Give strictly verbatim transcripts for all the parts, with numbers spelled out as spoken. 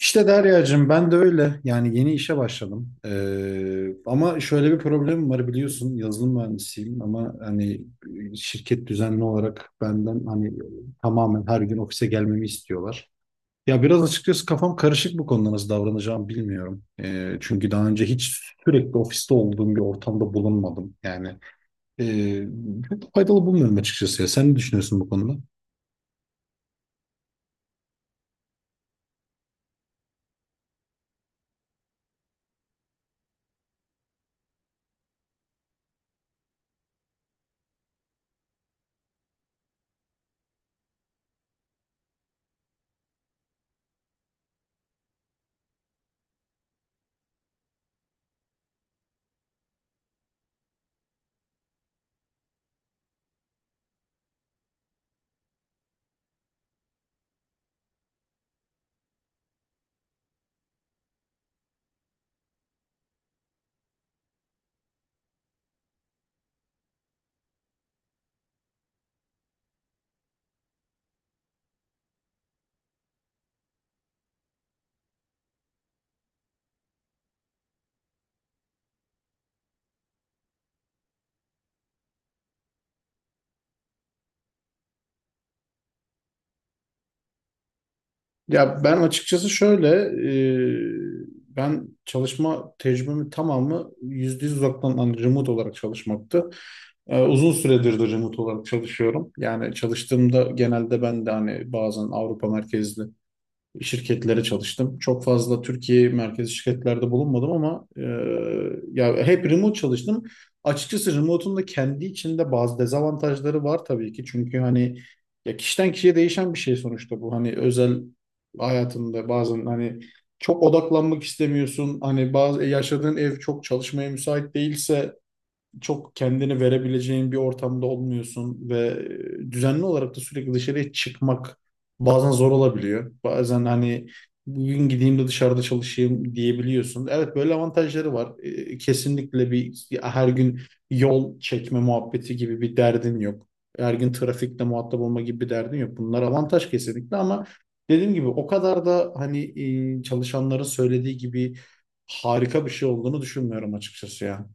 İşte Derya'cığım ben de öyle. Yani yeni işe başladım. Ee, ama şöyle bir problemim var biliyorsun. Yazılım mühendisiyim ama hani şirket düzenli olarak benden hani tamamen her gün ofise gelmemi istiyorlar. Ya biraz açıkçası kafam karışık bu konuda nasıl davranacağımı bilmiyorum. Ee, çünkü daha önce hiç sürekli ofiste olduğum bir ortamda bulunmadım. Yani e, çok faydalı bulmuyorum açıkçası ya. Sen ne düşünüyorsun bu konuda? Ya ben açıkçası şöyle, e, ben çalışma tecrübemin tamamı yüzde yüz uzaktan hani remote olarak çalışmaktı. E, uzun süredir de remote olarak çalışıyorum. Yani çalıştığımda genelde ben de hani bazen Avrupa merkezli şirketlere çalıştım. Çok fazla Türkiye merkezi şirketlerde bulunmadım ama e, ya hep remote çalıştım. Açıkçası remote'un da kendi içinde bazı dezavantajları var tabii ki. Çünkü hani ya kişiden kişiye değişen bir şey sonuçta bu. Hani özel hayatında bazen hani çok odaklanmak istemiyorsun. Hani bazı e, yaşadığın ev çok çalışmaya müsait değilse çok kendini verebileceğin bir ortamda olmuyorsun ve e, düzenli olarak da sürekli dışarıya çıkmak bazen zor olabiliyor. Bazen hani bugün gideyim de dışarıda çalışayım diyebiliyorsun. Evet böyle avantajları var. E, Kesinlikle bir her gün yol çekme muhabbeti gibi bir derdin yok. Her gün trafikle muhatap olma gibi bir derdin yok. Bunlar avantaj kesinlikle ama dediğim gibi o kadar da hani e, çalışanların söylediği gibi harika bir şey olduğunu düşünmüyorum açıkçası ya.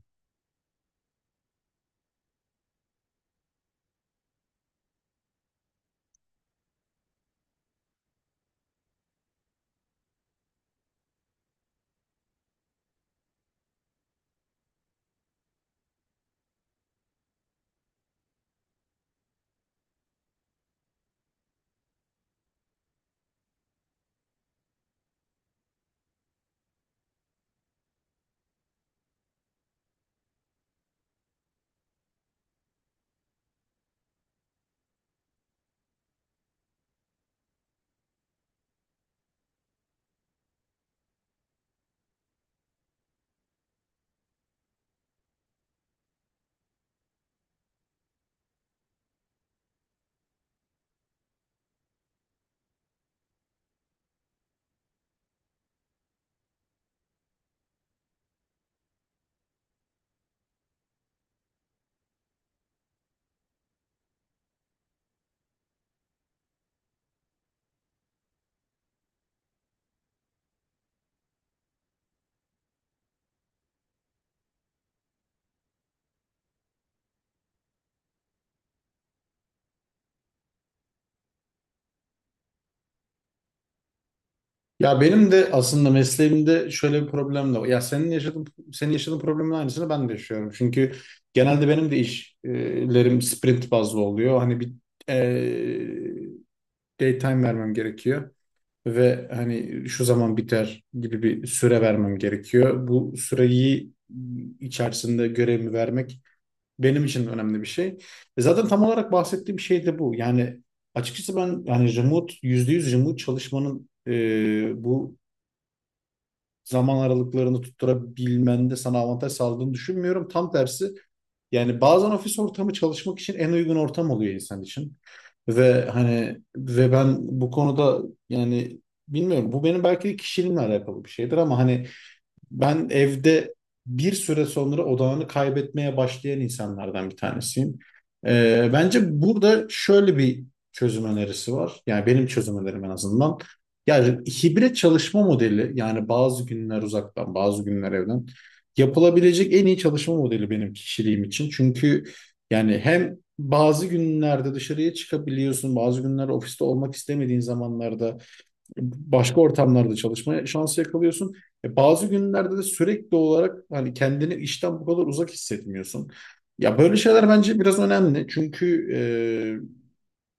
Ya benim de aslında mesleğimde şöyle bir problem de var. Ya senin yaşadığın senin yaşadığın problemin aynısını ben de yaşıyorum. Çünkü genelde benim de işlerim sprint bazlı oluyor. Hani bir e, daytime vermem gerekiyor ve hani şu zaman biter gibi bir süre vermem gerekiyor. Bu süreyi içerisinde görevimi vermek benim için önemli bir şey. E zaten tam olarak bahsettiğim şey de bu. Yani açıkçası ben yani remote yüzde yüz remote çalışmanın e, bu zaman aralıklarını tutturabilmende sana avantaj sağladığını düşünmüyorum. Tam tersi yani bazen ofis ortamı çalışmak için en uygun ortam oluyor insan için. Ve hani ve ben bu konuda yani bilmiyorum bu benim belki de kişiliğimle alakalı bir şeydir ama hani ben evde bir süre sonra odağını kaybetmeye başlayan insanlardan bir tanesiyim. Ee, bence burada şöyle bir çözüm önerisi var. Yani benim çözüm önerim en azından. Yani hibrit çalışma modeli yani bazı günler uzaktan bazı günler evden yapılabilecek en iyi çalışma modeli benim kişiliğim için. Çünkü yani hem bazı günlerde dışarıya çıkabiliyorsun bazı günler ofiste olmak istemediğin zamanlarda başka ortamlarda çalışmaya şansı yakalıyorsun. E, bazı günlerde de sürekli olarak hani kendini işten bu kadar uzak hissetmiyorsun. Ya böyle şeyler bence biraz önemli. Çünkü e,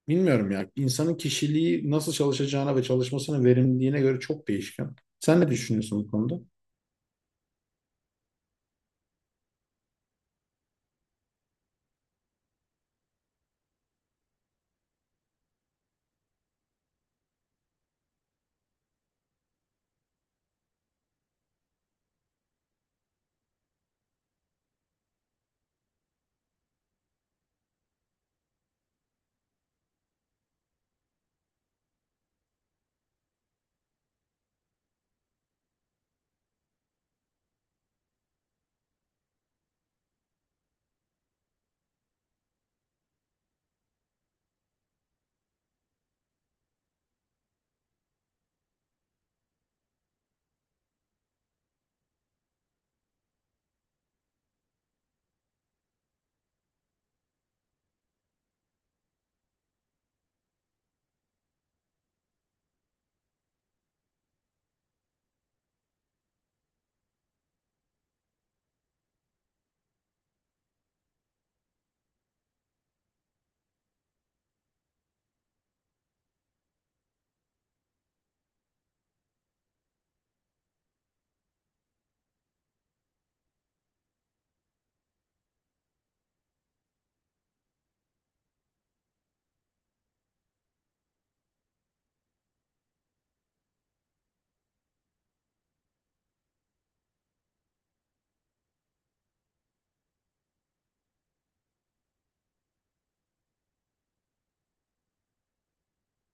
bilmiyorum ya insanın kişiliği nasıl çalışacağına ve çalışmasının verimliliğine göre çok değişken. Sen ne düşünüyorsun bu konuda?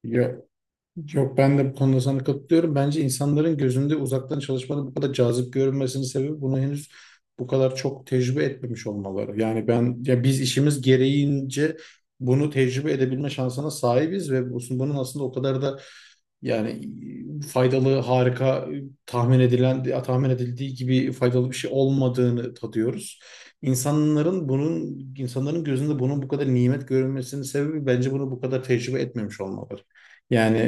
Ya Yok, ben de bu konuda sana katılıyorum. Bence insanların gözünde uzaktan çalışmanın bu kadar cazip görünmesinin sebebi bunu henüz bu kadar çok tecrübe etmemiş olmaları. Yani ben ya biz işimiz gereğince bunu tecrübe edebilme şansına sahibiz ve bu- bunun aslında o kadar da yani e, faydalı, harika, e, tahmin edilen, tahmin edildiği gibi faydalı bir şey olmadığını tadıyoruz. İnsanların bunun, insanların gözünde bunun bu kadar nimet görülmesinin sebebi bence bunu bu kadar tecrübe etmemiş olmaları. Yani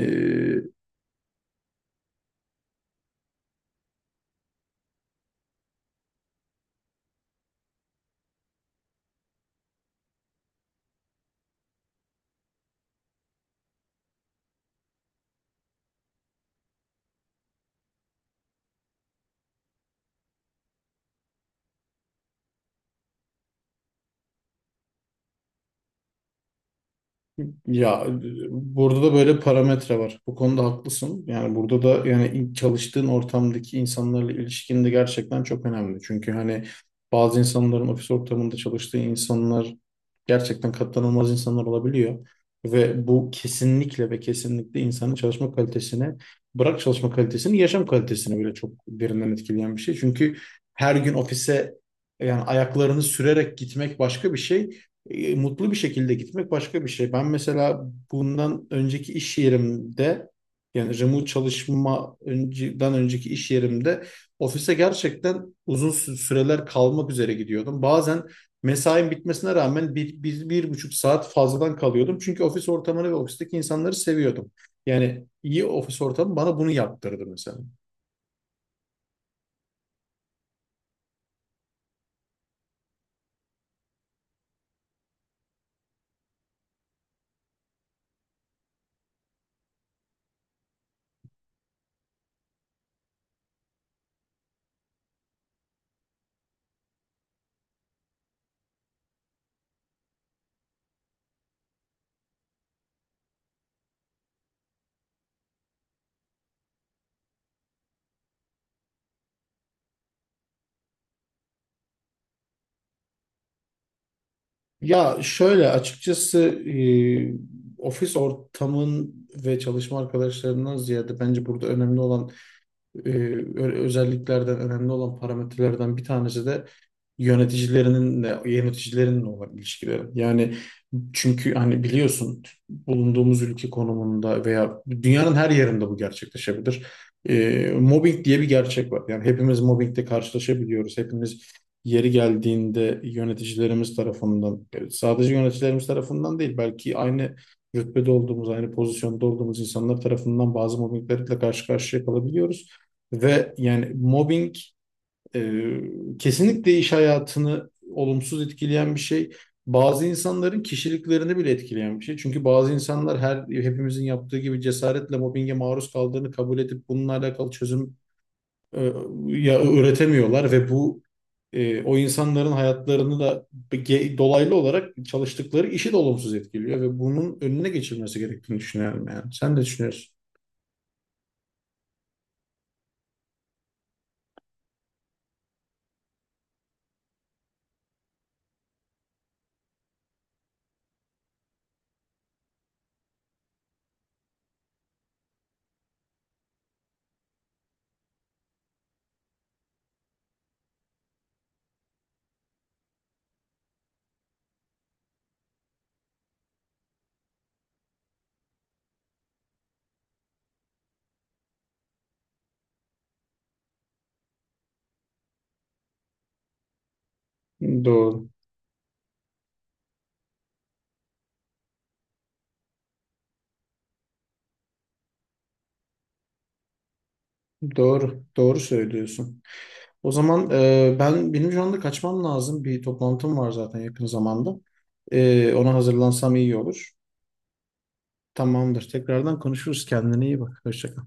ya e, burada da böyle parametre var. Bu konuda haklısın. Yani burada da yani ilk çalıştığın ortamdaki insanlarla ilişkin de gerçekten çok önemli. Çünkü hani bazı insanların ofis ortamında çalıştığı insanlar gerçekten katlanılmaz insanlar olabiliyor. Ve bu kesinlikle ve kesinlikle insanın çalışma kalitesini, bırak çalışma kalitesini, yaşam kalitesini bile çok derinden etkileyen bir şey. Çünkü her gün ofise yani ayaklarını sürerek gitmek başka bir şey, e, mutlu bir şekilde gitmek başka bir şey. Ben mesela bundan önceki iş yerimde yani remote çalışma önceden önceki iş yerimde ofise gerçekten uzun sü- süreler kalmak üzere gidiyordum. Bazen mesain bitmesine rağmen bir, bir, bir buçuk saat fazladan kalıyordum. Çünkü ofis ortamını ve ofisteki insanları seviyordum. Yani iyi ofis ortamı bana bunu yaptırdı mesela. Ya şöyle açıkçası e, ofis ortamın ve çalışma arkadaşlarından ziyade bence burada önemli olan e, ö- özelliklerden önemli olan parametrelerden bir tanesi de yöneticilerinin de yöneticilerinle olan ilişkileri. Yani çünkü hani biliyorsun bulunduğumuz ülke konumunda veya dünyanın her yerinde bu gerçekleşebilir. E, mobbing diye bir gerçek var. Yani hepimiz mobbingle karşılaşabiliyoruz. Hepimiz yeri geldiğinde yöneticilerimiz tarafından, e, sadece yöneticilerimiz tarafından değil, belki aynı rütbede olduğumuz, aynı pozisyonda olduğumuz insanlar tarafından bazı mobbinglerle karşı karşıya kalabiliyoruz. Ve yani mobbing e, kesinlikle iş hayatını olumsuz etkileyen bir şey. Bazı insanların kişiliklerini bile etkileyen bir şey. Çünkü bazı insanlar her hepimizin yaptığı gibi cesaretle mobbinge maruz kaldığını kabul edip bununla alakalı çözüm e, ya üretemiyorlar ve bu e, o insanların hayatlarını da ge- dolaylı olarak çalıştıkları işi de olumsuz etkiliyor ve bunun önüne geçilmesi gerektiğini düşünüyorum yani. Sen de düşünüyorsun. Doğru. Doğru. Doğru söylüyorsun. O zaman e, ben benim şu anda kaçmam lazım. Bir toplantım var zaten yakın zamanda. E, ona hazırlansam iyi olur. Tamamdır. Tekrardan konuşuruz. Kendine iyi bak. Hoşça kal.